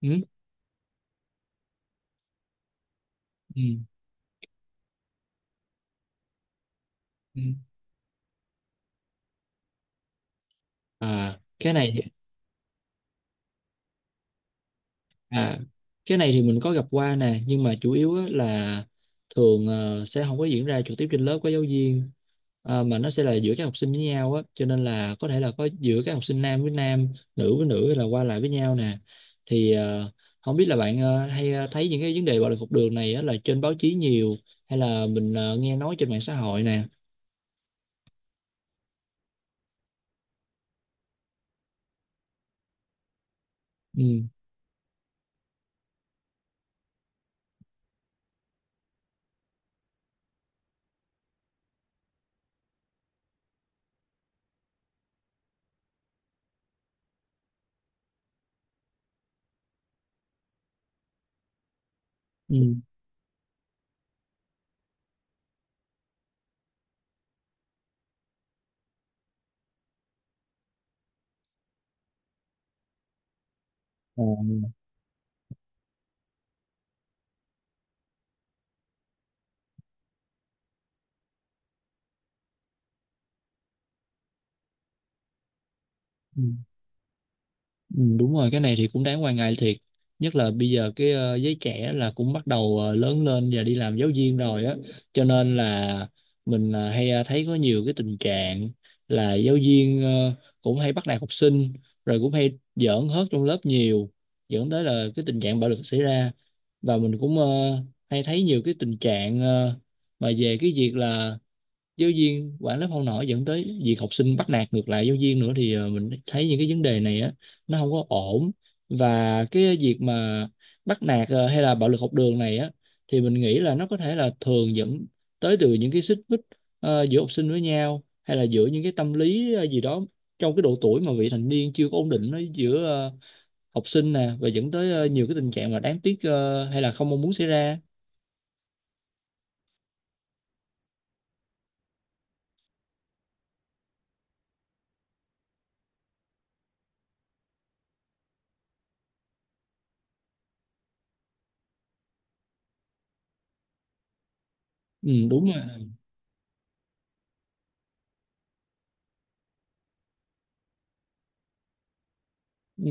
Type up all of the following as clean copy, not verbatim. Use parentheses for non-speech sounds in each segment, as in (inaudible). Ừ. Ừ. Ừ. à cái này thì- à cái này thì mình có gặp qua nè, nhưng mà chủ yếu á là thường sẽ không có diễn ra trực tiếp trên lớp của giáo viên. Mà nó sẽ là giữa các học sinh với nhau á, cho nên là có thể là có giữa các học sinh nam với nam, nữ với nữ, hay là qua lại với nhau nè. Thì không biết là bạn hay thấy những cái vấn đề bạo lực học đường này á là trên báo chí nhiều, hay là mình nghe nói trên mạng xã hội nè. Ừ. Ừ. Ờ. Ừ. Ừ, đúng rồi, cái này thì cũng đáng quan ngại thiệt, nhất là bây giờ cái giới trẻ là cũng bắt đầu lớn lên và đi làm giáo viên rồi á, cho nên là mình hay thấy có nhiều cái tình trạng là giáo viên cũng hay bắt nạt học sinh, rồi cũng hay giỡn hớt trong lớp nhiều, dẫn tới là cái tình trạng bạo lực xảy ra. Và mình cũng hay thấy nhiều cái tình trạng mà về cái việc là giáo viên quản lớp không nổi, dẫn tới việc học sinh bắt nạt ngược lại giáo viên nữa. Thì mình thấy những cái vấn đề này á, nó không có ổn. Và cái việc mà bắt nạt hay là bạo lực học đường này á, thì mình nghĩ là nó có thể là thường dẫn tới từ những cái xích mích giữa học sinh với nhau, hay là giữa những cái tâm lý gì đó trong cái độ tuổi mà vị thành niên chưa có ổn định nó, giữa học sinh nè, và dẫn tới nhiều cái tình trạng mà đáng tiếc hay là không mong muốn xảy ra. Ừ, đúng rồi. Ừ.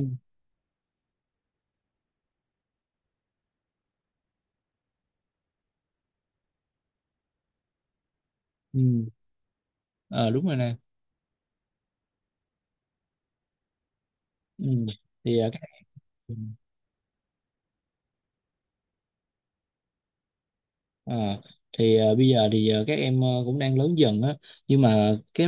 Ừ. Ờ, đúng rồi nè. Ừ. thì à, Ừ. À, thì bây giờ thì các em cũng đang lớn dần á, nhưng mà cái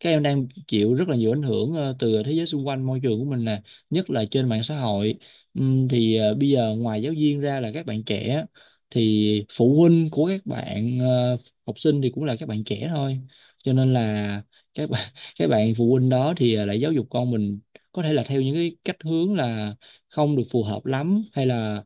các em đang chịu rất là nhiều ảnh hưởng từ thế giới xung quanh, môi trường của mình nè, nhất là trên mạng xã hội. Thì bây giờ ngoài giáo viên ra là các bạn trẻ á, thì phụ huynh của các bạn học sinh thì cũng là các bạn trẻ thôi, cho nên là các bạn (laughs) các bạn phụ huynh đó thì lại giáo dục con mình có thể là theo những cái cách hướng là không được phù hợp lắm, hay là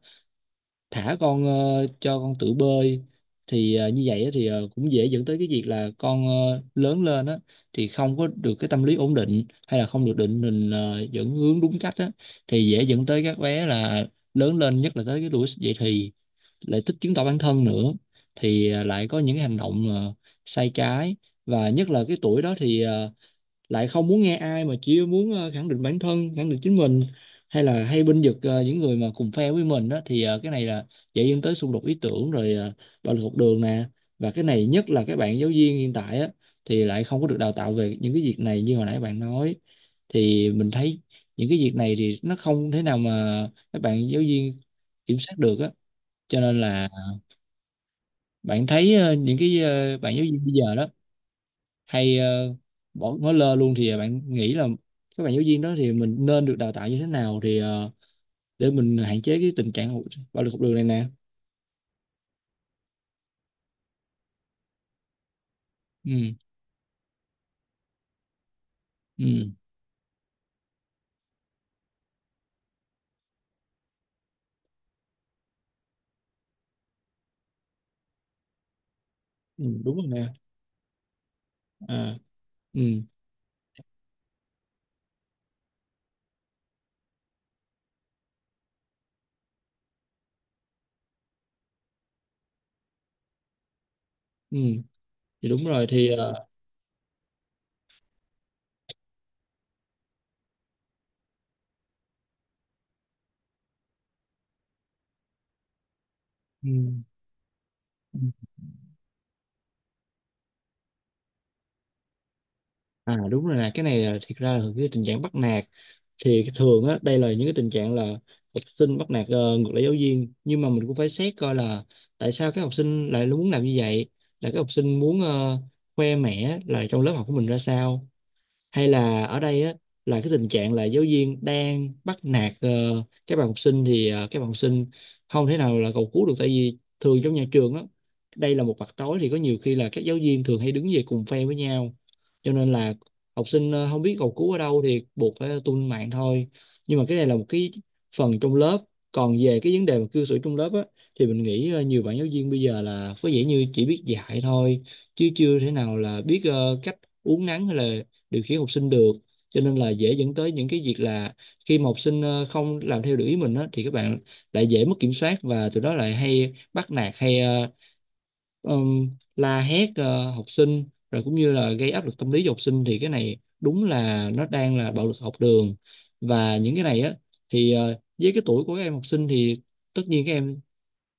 thả con cho con tự bơi. Thì như vậy á thì cũng dễ dẫn tới cái việc là con lớn lên á thì không có được cái tâm lý ổn định, hay là không được định hình dẫn hướng đúng cách á, thì dễ dẫn tới các bé là lớn lên, nhất là tới cái tuổi dậy thì, lại thích chứng tỏ bản thân nữa, thì lại có những cái hành động sai trái. Và nhất là cái tuổi đó thì lại không muốn nghe ai, mà chỉ muốn khẳng định bản thân, khẳng định chính mình, hay là hay binh vực những người mà cùng phe với mình đó, thì cái này là dạy dẫn tới xung đột ý tưởng rồi bạo lực học đường nè. Và cái này nhất là các bạn giáo viên hiện tại á, thì lại không có được đào tạo về những cái việc này như hồi nãy bạn nói, thì mình thấy những cái việc này thì nó không thể nào mà các bạn giáo viên kiểm soát được á. Cho nên là bạn thấy những cái bạn giáo viên bây giờ đó hay bỏ ngó lơ luôn. Thì bạn nghĩ là các bạn giáo viên đó thì mình nên được đào tạo như thế nào, thì để mình hạn chế cái tình trạng bạo lực học đường này nè. Ừ. Ừ. Ừ, đúng rồi nè. À. Ừ. Ừ, thì đúng rồi. Thì ừ. À, đúng rồi nè, cái này là thiệt ra là cái tình trạng bắt nạt, thì cái thường á đây là những cái tình trạng là học sinh bắt nạt ngược lại giáo viên. Nhưng mà mình cũng phải xét coi là tại sao cái học sinh lại muốn làm như vậy, là cái học sinh muốn khoe mẽ là trong lớp học của mình ra sao, hay là ở đây á là cái tình trạng là giáo viên đang bắt nạt các bạn học sinh, thì các bạn học sinh không thể nào là cầu cứu được, tại vì thường trong nhà trường á, đây là một mặt tối, thì có nhiều khi là các giáo viên thường hay đứng về cùng phe với nhau, cho nên là học sinh không biết cầu cứu ở đâu thì buộc phải tung mạng thôi. Nhưng mà cái này là một cái phần trong lớp. Còn về cái vấn đề mà cư xử trong lớp á, thì mình nghĩ nhiều bạn giáo viên bây giờ là có vẻ như chỉ biết dạy thôi, chứ chưa thể nào là biết cách uốn nắn hay là điều khiển học sinh được, cho nên là dễ dẫn tới những cái việc là khi mà học sinh không làm theo điều ý mình á, thì các bạn lại dễ mất kiểm soát, và từ đó lại hay bắt nạt hay um, la hét học sinh, rồi cũng như là gây áp lực tâm lý cho học sinh, thì cái này đúng là nó đang là bạo lực học đường. Và những cái này á, thì với cái tuổi của các em học sinh thì tất nhiên các em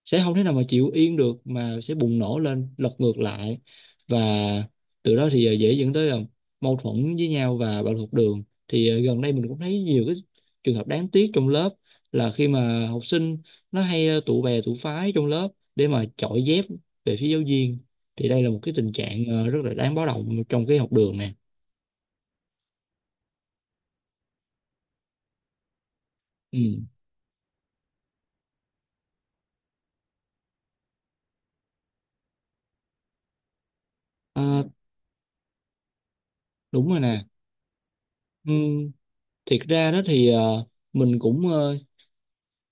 sẽ không thể nào mà chịu yên được, mà sẽ bùng nổ lên lật ngược lại, và từ đó thì dễ dẫn tới mâu thuẫn với nhau và bạo lực học đường. Thì gần đây mình cũng thấy nhiều cái trường hợp đáng tiếc trong lớp, là khi mà học sinh nó hay tụ bè tụ phái trong lớp để mà chọi dép về phía giáo viên, thì đây là một cái tình trạng rất là đáng báo động trong cái học đường nè. Ừ. Ờ, đúng rồi nè. Ừ. Thiệt ra đó thì mình cũng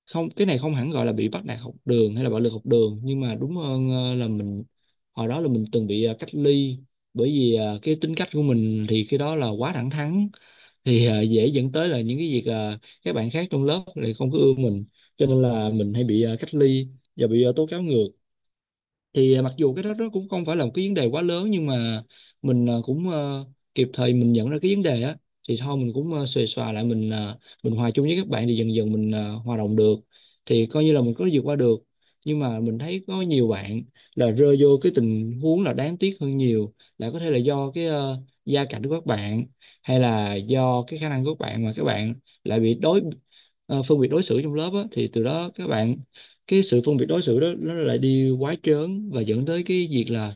không, cái này không hẳn gọi là bị bắt nạt học đường hay là bạo lực học đường, nhưng mà đúng hơn là mình hồi đó là mình từng bị cách ly, bởi vì cái tính cách của mình thì khi đó là quá thẳng thắn, thì dễ dẫn tới là những cái việc các bạn khác trong lớp lại không có ưa mình, cho nên là mình hay bị cách ly và bị tố cáo ngược. Thì mặc dù cái đó nó cũng không phải là một cái vấn đề quá lớn, nhưng mà mình cũng kịp thời mình nhận ra cái vấn đề á, thì thôi mình cũng xuề xòa lại, mình mình hòa chung với các bạn, thì dần dần mình hòa đồng được, thì coi như là mình có vượt qua được. Nhưng mà mình thấy có nhiều bạn là rơi vô cái tình huống là đáng tiếc hơn nhiều, là có thể là do cái gia cảnh của các bạn, hay là do cái khả năng của các bạn mà các bạn lại bị phân biệt đối xử trong lớp á, thì từ đó các bạn, cái sự phân biệt đối xử đó nó lại đi quá trớn và dẫn tới cái việc là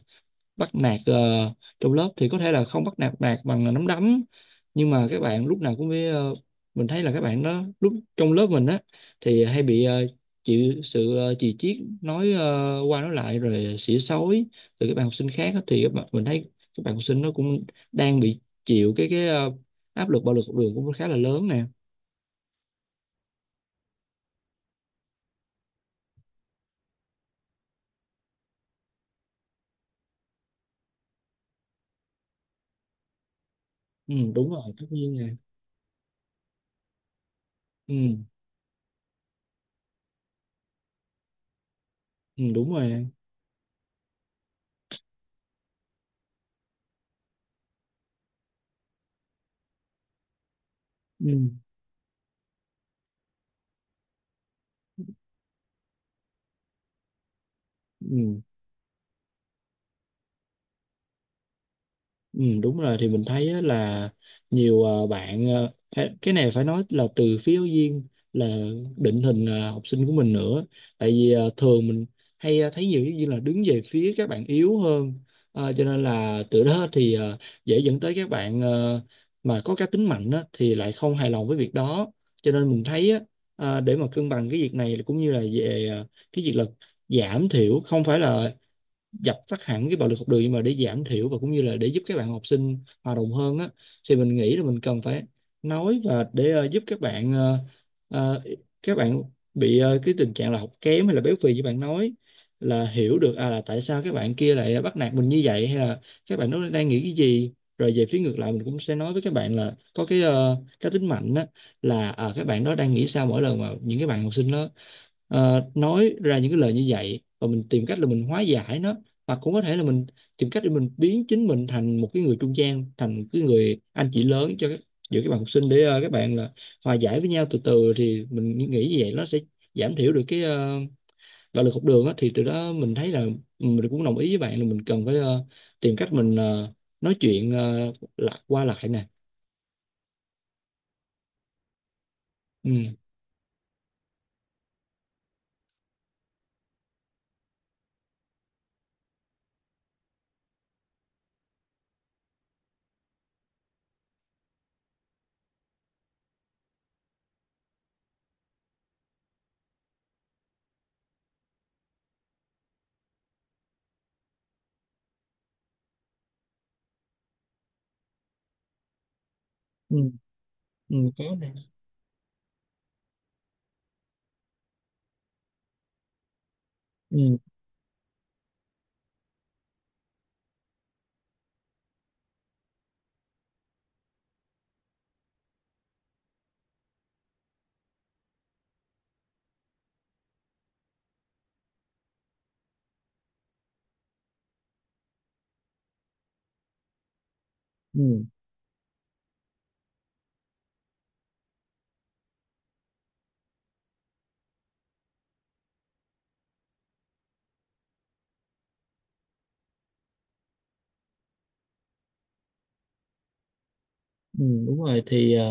bắt nạt trong lớp, thì có thể là không bắt nạt nạt bằng nắm đấm, nhưng mà các bạn lúc nào cũng phải mình thấy là các bạn đó lúc trong lớp mình á, thì hay bị chịu sự chì chiết, nói qua nói lại rồi xỉa xói từ các bạn học sinh khác á, thì các bạn, mình thấy các bạn học sinh nó cũng đang bị chịu cái áp lực bạo lực học đường cũng khá là lớn nè. Ừ, đúng rồi, tất nhiên nè. Ừ. Ừ, đúng rồi nè. Ừ. Ừ. Ừ, đúng rồi thì mình thấy á, là nhiều bạn cái này phải nói là từ phía giáo viên là định hình học sinh của mình nữa. Tại vì thường mình hay thấy nhiều giáo viên là đứng về phía các bạn yếu hơn. Cho nên là từ đó (laughs) thì dễ dẫn tới các bạn mà có cá tính mạnh á, thì lại không hài lòng với việc đó. Cho nên mình thấy á, để mà cân bằng cái việc này cũng như là về cái việc là giảm thiểu, không phải là dập tắt hẳn cái bạo lực học đường, nhưng mà để giảm thiểu và cũng như là để giúp các bạn học sinh hòa đồng hơn á, thì mình nghĩ là mình cần phải nói và để giúp các ờ, các bạn bị cái tình trạng là học kém hay là béo phì như bạn nói là hiểu được à là tại sao các bạn kia lại bắt nạt mình như vậy, hay là các bạn nó đang nghĩ cái gì. Rồi về phía ngược lại mình cũng sẽ nói với các bạn là có cái cá tính mạnh á, là à, các bạn đó đang nghĩ sao mỗi lần mà những cái bạn học sinh đó nói ra những cái lời như vậy, và mình tìm cách là mình hóa giải nó, hoặc cũng có thể là mình tìm cách để mình biến chính mình thành một cái người trung gian, thành một cái người anh chị lớn cho các giữa các bạn học sinh, để các bạn là hòa giải với nhau từ từ. Thì mình nghĩ như vậy nó sẽ giảm thiểu được cái bạo lực học đường á, thì từ đó mình thấy là mình cũng đồng ý với bạn là mình cần phải tìm cách mình nói chuyện lại qua lại nè. Ừ. Ừ, ừ, có nè. Ừ, ừ. Ừ, đúng rồi thì à,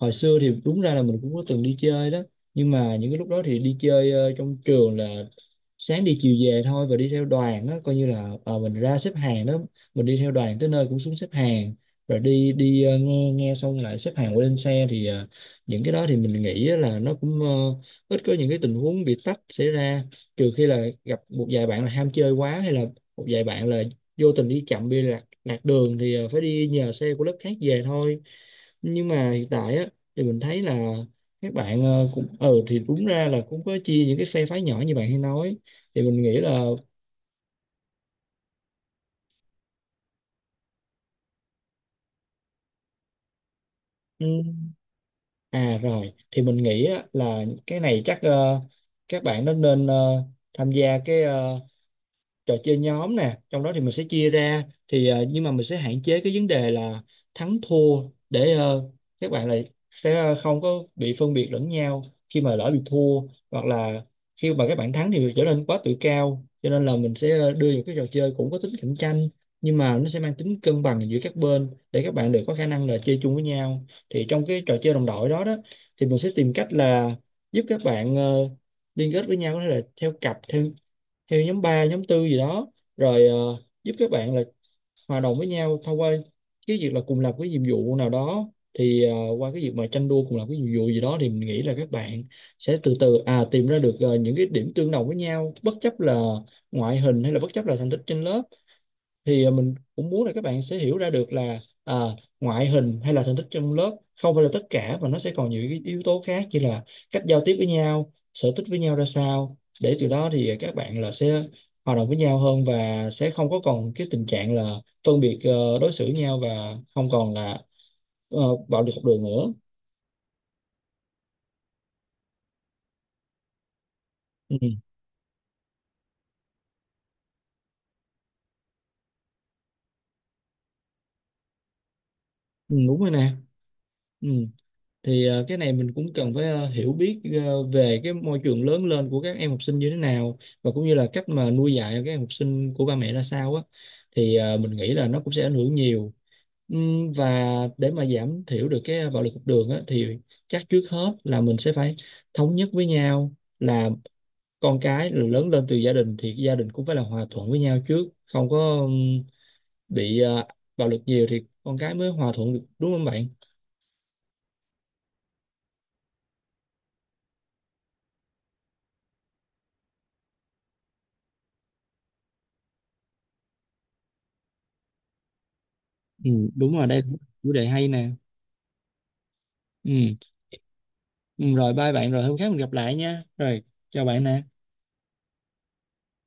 hồi xưa thì đúng ra là mình cũng có từng đi chơi đó, nhưng mà những cái lúc đó thì đi chơi trong trường là sáng đi chiều về thôi, và đi theo đoàn đó coi như là mình ra xếp hàng đó, mình đi theo đoàn tới nơi cũng xuống xếp hàng, rồi đi đi ờ, nghe nghe xong lại xếp hàng qua lên xe. Thì những cái đó thì mình nghĩ á là nó cũng ít có những cái tình huống bị tách xảy ra, trừ khi là gặp một vài bạn là ham chơi quá, hay là một vài bạn là vô tình đi chậm, đi lạc đường thì phải đi nhờ xe của lớp khác về thôi. Nhưng mà hiện tại á thì mình thấy là các bạn cũng ừ thì đúng ra là cũng có chia những cái phe phái nhỏ như bạn hay nói, thì mình nghĩ là ừm, à rồi thì mình nghĩ á, là cái này chắc các bạn nó nên tham gia cái trò chơi nhóm nè. Trong đó thì mình sẽ chia ra thì nhưng mà mình sẽ hạn chế cái vấn đề là thắng thua, để các bạn lại sẽ không có bị phân biệt lẫn nhau khi mà lỡ bị thua, hoặc là khi mà các bạn thắng thì trở nên quá tự cao. Cho nên là mình sẽ đưa những cái trò chơi cũng có tính cạnh tranh, nhưng mà nó sẽ mang tính cân bằng giữa các bên, để các bạn đều có khả năng là chơi chung với nhau. Thì trong cái trò chơi đồng đội đó đó, thì mình sẽ tìm cách là giúp các bạn liên kết với nhau, có thể là theo cặp, theo theo nhóm 3 nhóm tư gì đó, rồi giúp các bạn là hòa đồng với nhau thông qua cái việc là cùng làm cái nhiệm vụ nào đó. Thì qua cái việc mà tranh đua cùng làm cái nhiệm vụ gì đó, thì mình nghĩ là các bạn sẽ từ từ à tìm ra được những cái điểm tương đồng với nhau, bất chấp là ngoại hình, hay là bất chấp là thành tích trên lớp. Thì à, mình cũng muốn là các bạn sẽ hiểu ra được là à, ngoại hình hay là thành tích trong lớp không phải là tất cả, và nó sẽ còn nhiều cái yếu tố khác như là cách giao tiếp với nhau, sở thích với nhau ra sao, để từ đó thì à, các bạn là sẽ hòa đồng với nhau hơn, và sẽ không có còn cái tình trạng là phân biệt đối xử nhau, và không còn là ờ, bạo lực học đường nữa. Ừ. Ừ, đúng rồi nè. Ừ. Thì cái này mình cũng cần phải hiểu biết về cái môi trường lớn lên của các em học sinh như thế nào, và cũng như là cách mà nuôi dạy các em học sinh của ba mẹ ra sao á, thì mình nghĩ là nó cũng sẽ ảnh hưởng nhiều. Và để mà giảm thiểu được cái bạo lực học đường á, thì chắc trước hết là mình sẽ phải thống nhất với nhau là con cái rồi lớn lên từ gia đình, thì gia đình cũng phải là hòa thuận với nhau trước, không có bị bạo lực nhiều thì con cái mới hòa thuận được, đúng không bạn? Ừ, đúng rồi đây là một chủ đề hay nè. Ừ. Ừ, rồi bye bạn, rồi hôm khác mình gặp lại nha, rồi chào bạn nè.